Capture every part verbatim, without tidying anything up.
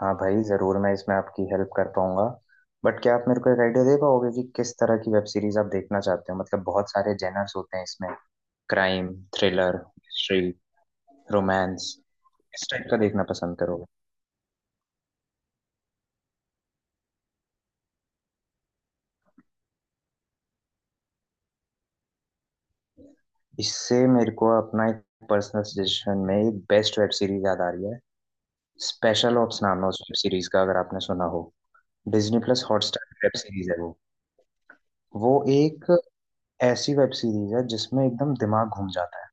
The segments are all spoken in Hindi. हाँ भाई ज़रूर, मैं इसमें आपकी हेल्प कर पाऊंगा। बट क्या आप मेरे को एक आइडिया दे पाओगे कि किस तरह की वेब सीरीज आप देखना चाहते हो? मतलब बहुत सारे जेनर्स होते हैं इसमें। क्राइम, थ्रिलर, मिस्ट्री, रोमांस, इस टाइप का देखना पसंद करोगे? इससे मेरे को अपना एक पर्सनल सजेशन में एक बेस्ट वेब सीरीज याद आ रही है। स्पेशल ऑप्स नाम है उस वेब सीरीज का, अगर आपने सुना हो। Disney plus Hotstar web series है वो। वो एक ऐसी वेब सीरीज है जिसमें एकदम दिमाग घूम जाता है।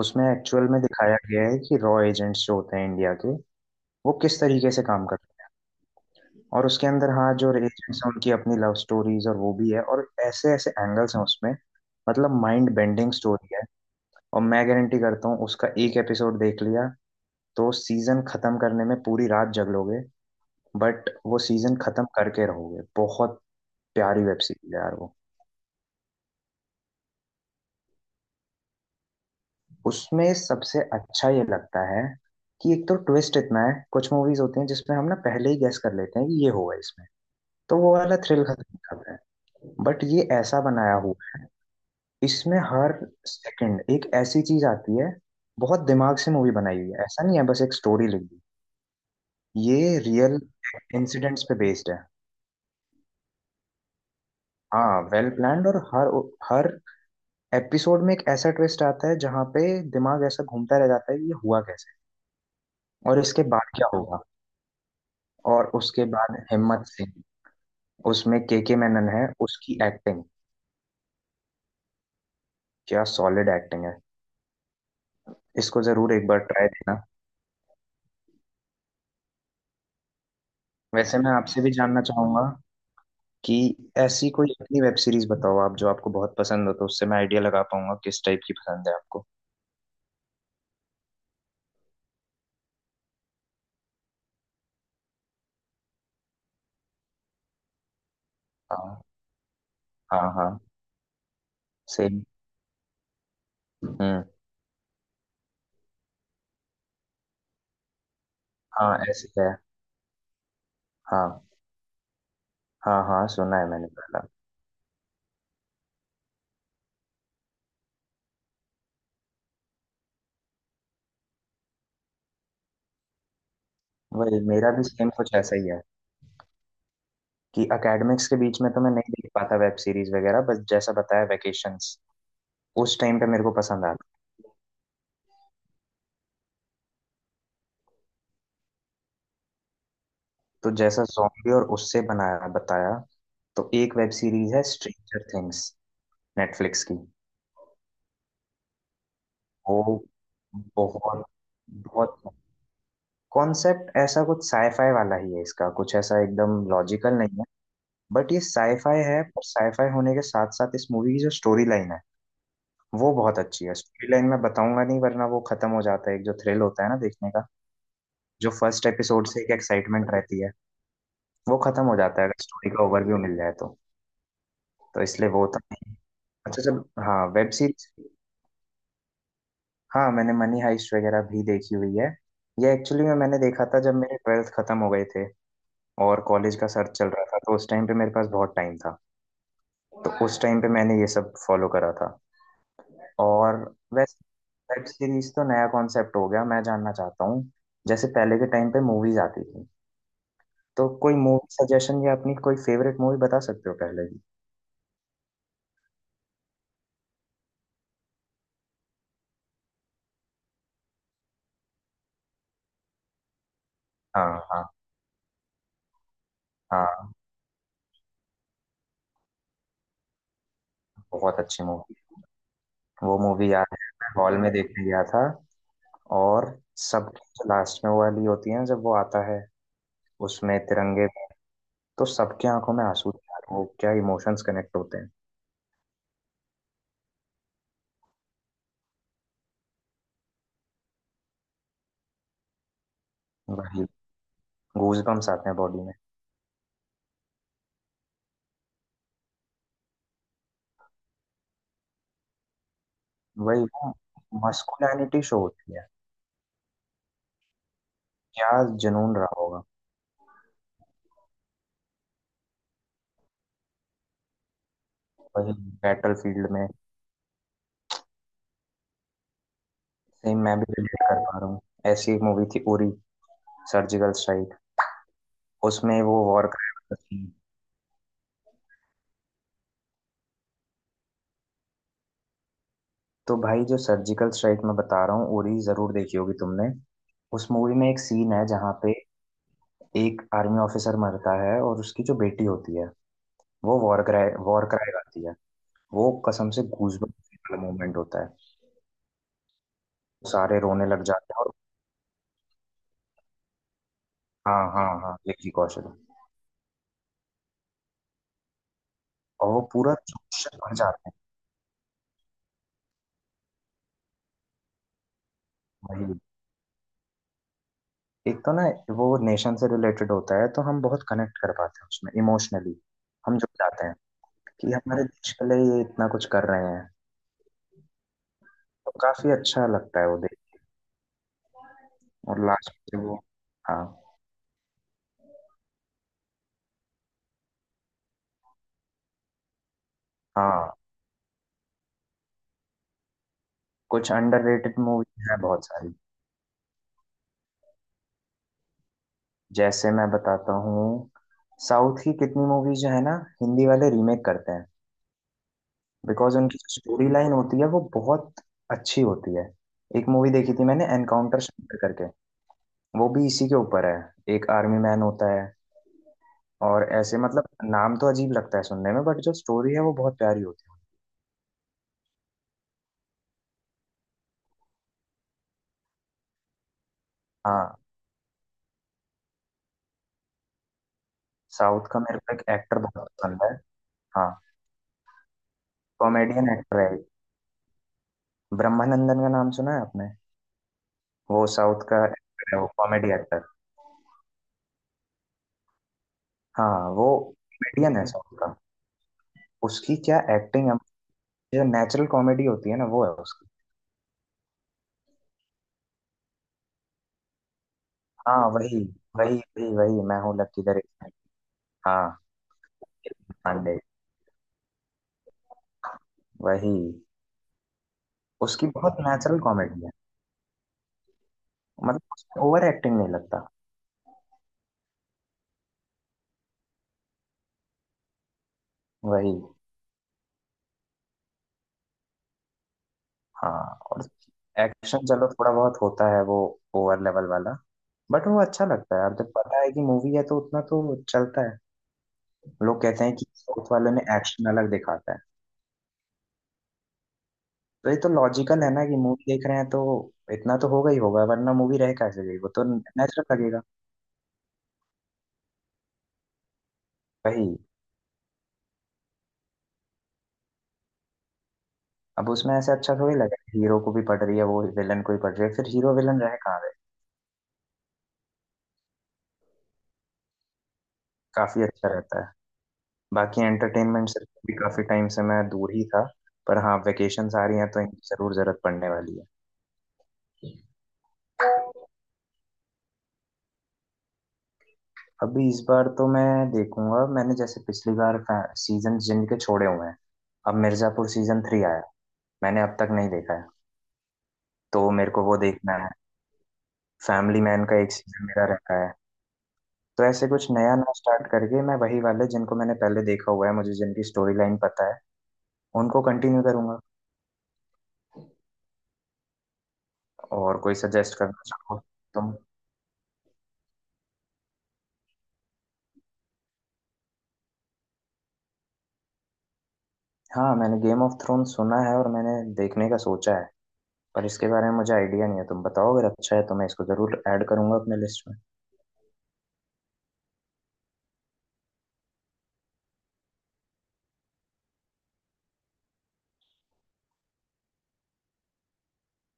उसमें एक्चुअल में दिखाया गया है कि रॉ एजेंट्स जो होते हैं इंडिया के, वो किस तरीके से काम करते हैं। और उसके अंदर हाँ, जो एजेंट्स हैं उनकी अपनी लव स्टोरीज और वो भी है, और ऐसे ऐसे एंगल्स हैं उसमें। मतलब माइंड बेंडिंग स्टोरी है। और मैं गारंटी करता हूँ, उसका एक एपिसोड देख लिया तो सीजन खत्म करने में पूरी रात जग, बट वो सीजन खत्म करके रहोगे। बहुत प्यारी वेब सीरीज है यार वो। उसमें सबसे अच्छा ये लगता है कि एक तो ट्विस्ट इतना है, कुछ मूवीज होती हैं जिसमें हम ना पहले ही गैस कर लेते हैं कि ये होगा इसमें, तो वो वाला थ्रिल खत्म हो जाता है। बट ये ऐसा बनाया हुआ है, इसमें हर सेकंड एक ऐसी चीज आती है। बहुत दिमाग से मूवी बनाई हुई है, ऐसा नहीं है बस एक स्टोरी लिख दी। ये रियल इंसिडेंट्स पे बेस्ड है। हाँ वेल प्लान्ड, और हर हर एपिसोड में एक ऐसा ट्विस्ट आता है जहाँ पे दिमाग ऐसा घूमता रह जाता है कि ये हुआ कैसे, और इसके बाद क्या होगा। और उसके बाद हिम्मत सिंह, उसमें के के मैनन है, उसकी एक्टिंग, क्या सॉलिड एक्टिंग है। इसको जरूर एक बार ट्राई देना। वैसे मैं आपसे भी जानना चाहूंगा कि ऐसी कोई अपनी वेब सीरीज बताओ आप, जो आपको बहुत पसंद हो, तो उससे मैं आइडिया लगा पाऊंगा किस टाइप की पसंद है आपको। हाँ हाँ हाँ। सेम। हम्म। हाँ ऐसे है। हाँ हाँ हाँ, सुना है मैंने पहला। वही, मेरा भी सेम कुछ ऐसा ही है कि एकेडमिक्स के बीच में तो मैं नहीं देख पाता वेब सीरीज वगैरह, बस जैसा बताया वेकेशंस उस टाइम पे मेरे को पसंद आता। तो जैसा जॉम्बी और उससे बनाया बताया, तो एक वेब सीरीज है स्ट्रेंजर थिंग्स, नेटफ्लिक्स की। वो बहुत बहुत कॉन्सेप्ट ऐसा कुछ साईफाई वाला ही है इसका, कुछ ऐसा एकदम लॉजिकल नहीं है। बट ये साईफाई है, पर साईफाई होने के साथ साथ इस मूवी की जो स्टोरी लाइन है वो बहुत अच्छी है। स्टोरी लाइन मैं बताऊंगा नहीं, वरना वो खत्म हो जाता है, एक जो थ्रिल होता है ना देखने का, जो फर्स्ट एपिसोड से एक एक्साइटमेंट रहती है, वो खत्म हो जाता है अगर स्टोरी का ओवरव्यू मिल जाए तो। तो इसलिए वो था। अच्छा, जब हाँ वेब सीरीज, हाँ मैंने मनी हाइस्ट वगैरह भी देखी हुई है। ये एक्चुअली में मैंने देखा था जब मेरे ट्वेल्थ खत्म हो गए थे और कॉलेज का सर्च चल रहा था, तो उस टाइम पे मेरे पास बहुत टाइम था, तो उस टाइम पे मैंने ये सब फॉलो करा था। और वैसे वेब सीरीज तो नया कॉन्सेप्ट हो गया, मैं जानना चाहता हूँ, जैसे पहले के टाइम पे मूवीज आती थी, तो कोई मूवी सजेशन या अपनी कोई फेवरेट मूवी बता सकते हो पहले की? हाँ हाँ हाँ, बहुत अच्छी मूवी। वो मूवी याद है, मैं हॉल में देखने गया था। और सबके जो लास्ट में वो वाली होती है ना, जब वो आता है उसमें तिरंगे में, तो सबके आंखों में आंसू थे यार, वो क्या इमोशंस कनेक्ट होते हैं। वही, गूजबम्स आते हैं बॉडी में। वही ना, मस्कुलिनिटी शो होती है। क्या जुनून रहा होगा। वही, बैटल फील्ड में। सेम मैं भी रिलेट कर पा रहा हूँ। ऐसी एक मूवी थी, उरी सर्जिकल स्ट्राइक। उसमें वो वॉर क्राइम, तो भाई जो सर्जिकल स्ट्राइक मैं बता रहा हूँ, उरी जरूर देखी होगी तुमने। उस मूवी में एक सीन है जहाँ पे एक आर्मी ऑफिसर मरता है, और उसकी जो बेटी होती है वो वॉर क्राई वॉर क्राई गाती है। वो कसम से गूजबम्स वाला मोमेंट होता है। सारे रोने लग जाते हैं। हाँ हाँ हाँ, विक्की कौशल। और वो पूरा जोश से भर जाते हैं। वही, एक तो ना वो नेशन से रिलेटेड होता है, तो हम बहुत कनेक्ट कर पाते हैं उसमें इमोशनली। हम जुड़ जाते हैं कि हमारे देश के लिए ये इतना कुछ कर रहे हैं, तो काफी अच्छा लगता है वो देख। और लास्ट में वो, हाँ। हाँ, कुछ अंडररेटेड मूवी है बहुत सारी। जैसे मैं बताता हूँ, साउथ की कितनी मूवीज जो है ना हिंदी वाले रीमेक करते हैं, बिकॉज उनकी स्टोरी लाइन होती है वो बहुत अच्छी होती है। एक मूवी देखी थी मैंने, एनकाउंटर सेंटर करके, वो भी इसी के ऊपर है। एक आर्मी मैन होता है, और ऐसे मतलब नाम तो अजीब लगता है सुनने में, बट जो स्टोरी है वो बहुत प्यारी होती है। हाँ, साउथ का मेरे को एक एक्टर बहुत पसंद है। हाँ, कॉमेडियन एक्टर है, ब्रह्मानंदन का नाम सुना है आपने? वो साउथ का एक्टर है, वो कॉमेडी एक्टर। हाँ वो कॉमेडियन है साउथ का, उसकी क्या एक्टिंग है। जो नेचुरल कॉमेडी होती है ना वो है उसकी। हाँ वही वही वही, वही मैं हूँ लक्की द रेसर। हाँ पांडे, वही। उसकी बहुत नेचुरल कॉमेडी है, मतलब उसमें ओवर एक्टिंग नहीं लगता। वही। हाँ, और एक्शन चलो थोड़ा बहुत होता है वो, ओवर लेवल वाला, बट वो अच्छा लगता है। अब जब पता है कि मूवी है तो उतना तो चलता है। लोग कहते हैं कि साउथ वालों ने एक्शन अलग दिखाता है, तो ये तो लॉजिकल है ना कि मूवी देख रहे हैं तो इतना तो होगा ही होगा, वरना मूवी रह कैसे गई, वो तो नेचुरल लगेगा। वही, अब उसमें ऐसे अच्छा थोड़ी लगा, हीरो को भी पड़ रही है, वो विलन को भी पड़ रही है, फिर हीरो विलन रहे कहाँ गए। काफी अच्छा रहता है। बाकी एंटरटेनमेंट से भी काफी टाइम से मैं दूर ही था, पर हाँ वेकेशंस आ रही हैं तो इनकी जरूर जरूरत पड़ने वाली है। अभी इस बार तो मैं देखूंगा, मैंने जैसे पिछली बार सीजन जिनके छोड़े हुए हैं, अब मिर्जापुर सीजन थ्री आया, मैंने अब तक नहीं देखा है, तो मेरे को वो देखना है। फैमिली मैन का एक सीजन मेरा रखा है। तो ऐसे कुछ नया ना स्टार्ट करके मैं वही वाले जिनको मैंने पहले देखा हुआ है, मुझे जिनकी स्टोरी लाइन पता है, उनको कंटिन्यू करूंगा। और कोई सजेस्ट करना चाहो तुम? हाँ, मैंने गेम ऑफ थ्रोन सुना है और मैंने देखने का सोचा है, पर इसके बारे में मुझे आइडिया नहीं है, तुम बताओ अगर अच्छा है तो मैं इसको जरूर ऐड करूंगा अपने लिस्ट में।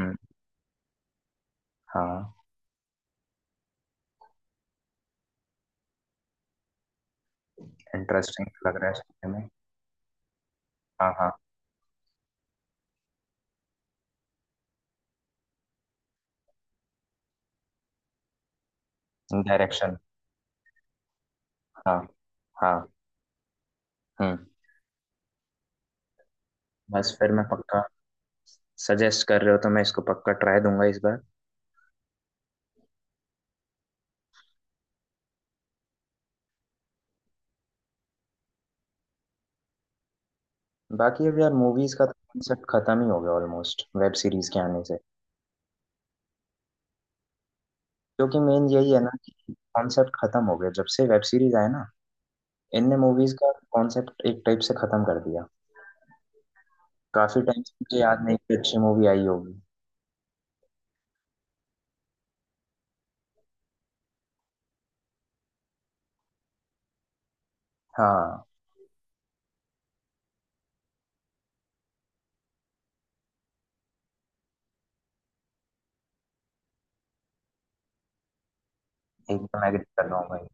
हम्म। हाँ, इंटरेस्टिंग लग रहा है सुनने में। हाँ हाँ। डायरेक्शन। हाँ हाँ। हम्म। बस फिर मैं पक्का, सजेस्ट कर रहे हो तो मैं इसको पक्का ट्राई दूंगा इस बार। बाकी अब यार मूवीज का कॉन्सेप्ट खत्म ही हो गया ऑलमोस्ट वेब सीरीज के आने से, क्योंकि मेन यही है ना कि कॉन्सेप्ट खत्म हो गया जब से वेब सीरीज आए ना। इनने मूवीज का कॉन्सेप्ट एक टाइप से खत्म कर दिया। काफी टाइम से मुझे याद नहीं कि अच्छी मूवी आई होगी। हाँ एकदम एग्री कर रहा हूँ भाई।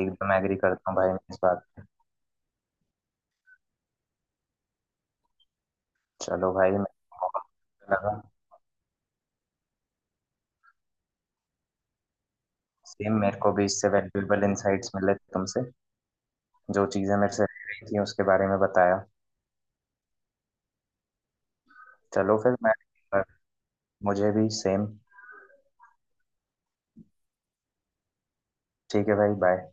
एकदम एग्री करता हूँ भाई मैं इस बात पे। चलो भाई, मेरे को बहुत अच्छा लगा। सेम, मेरे को भी इससे वैल्यूएबल इंसाइट्स मिले तुमसे, जो चीज़ें मेरे से रह रही थी उसके बारे में बताया। चलो फिर मैं, मुझे भी सेम। ठीक है भाई, बाय।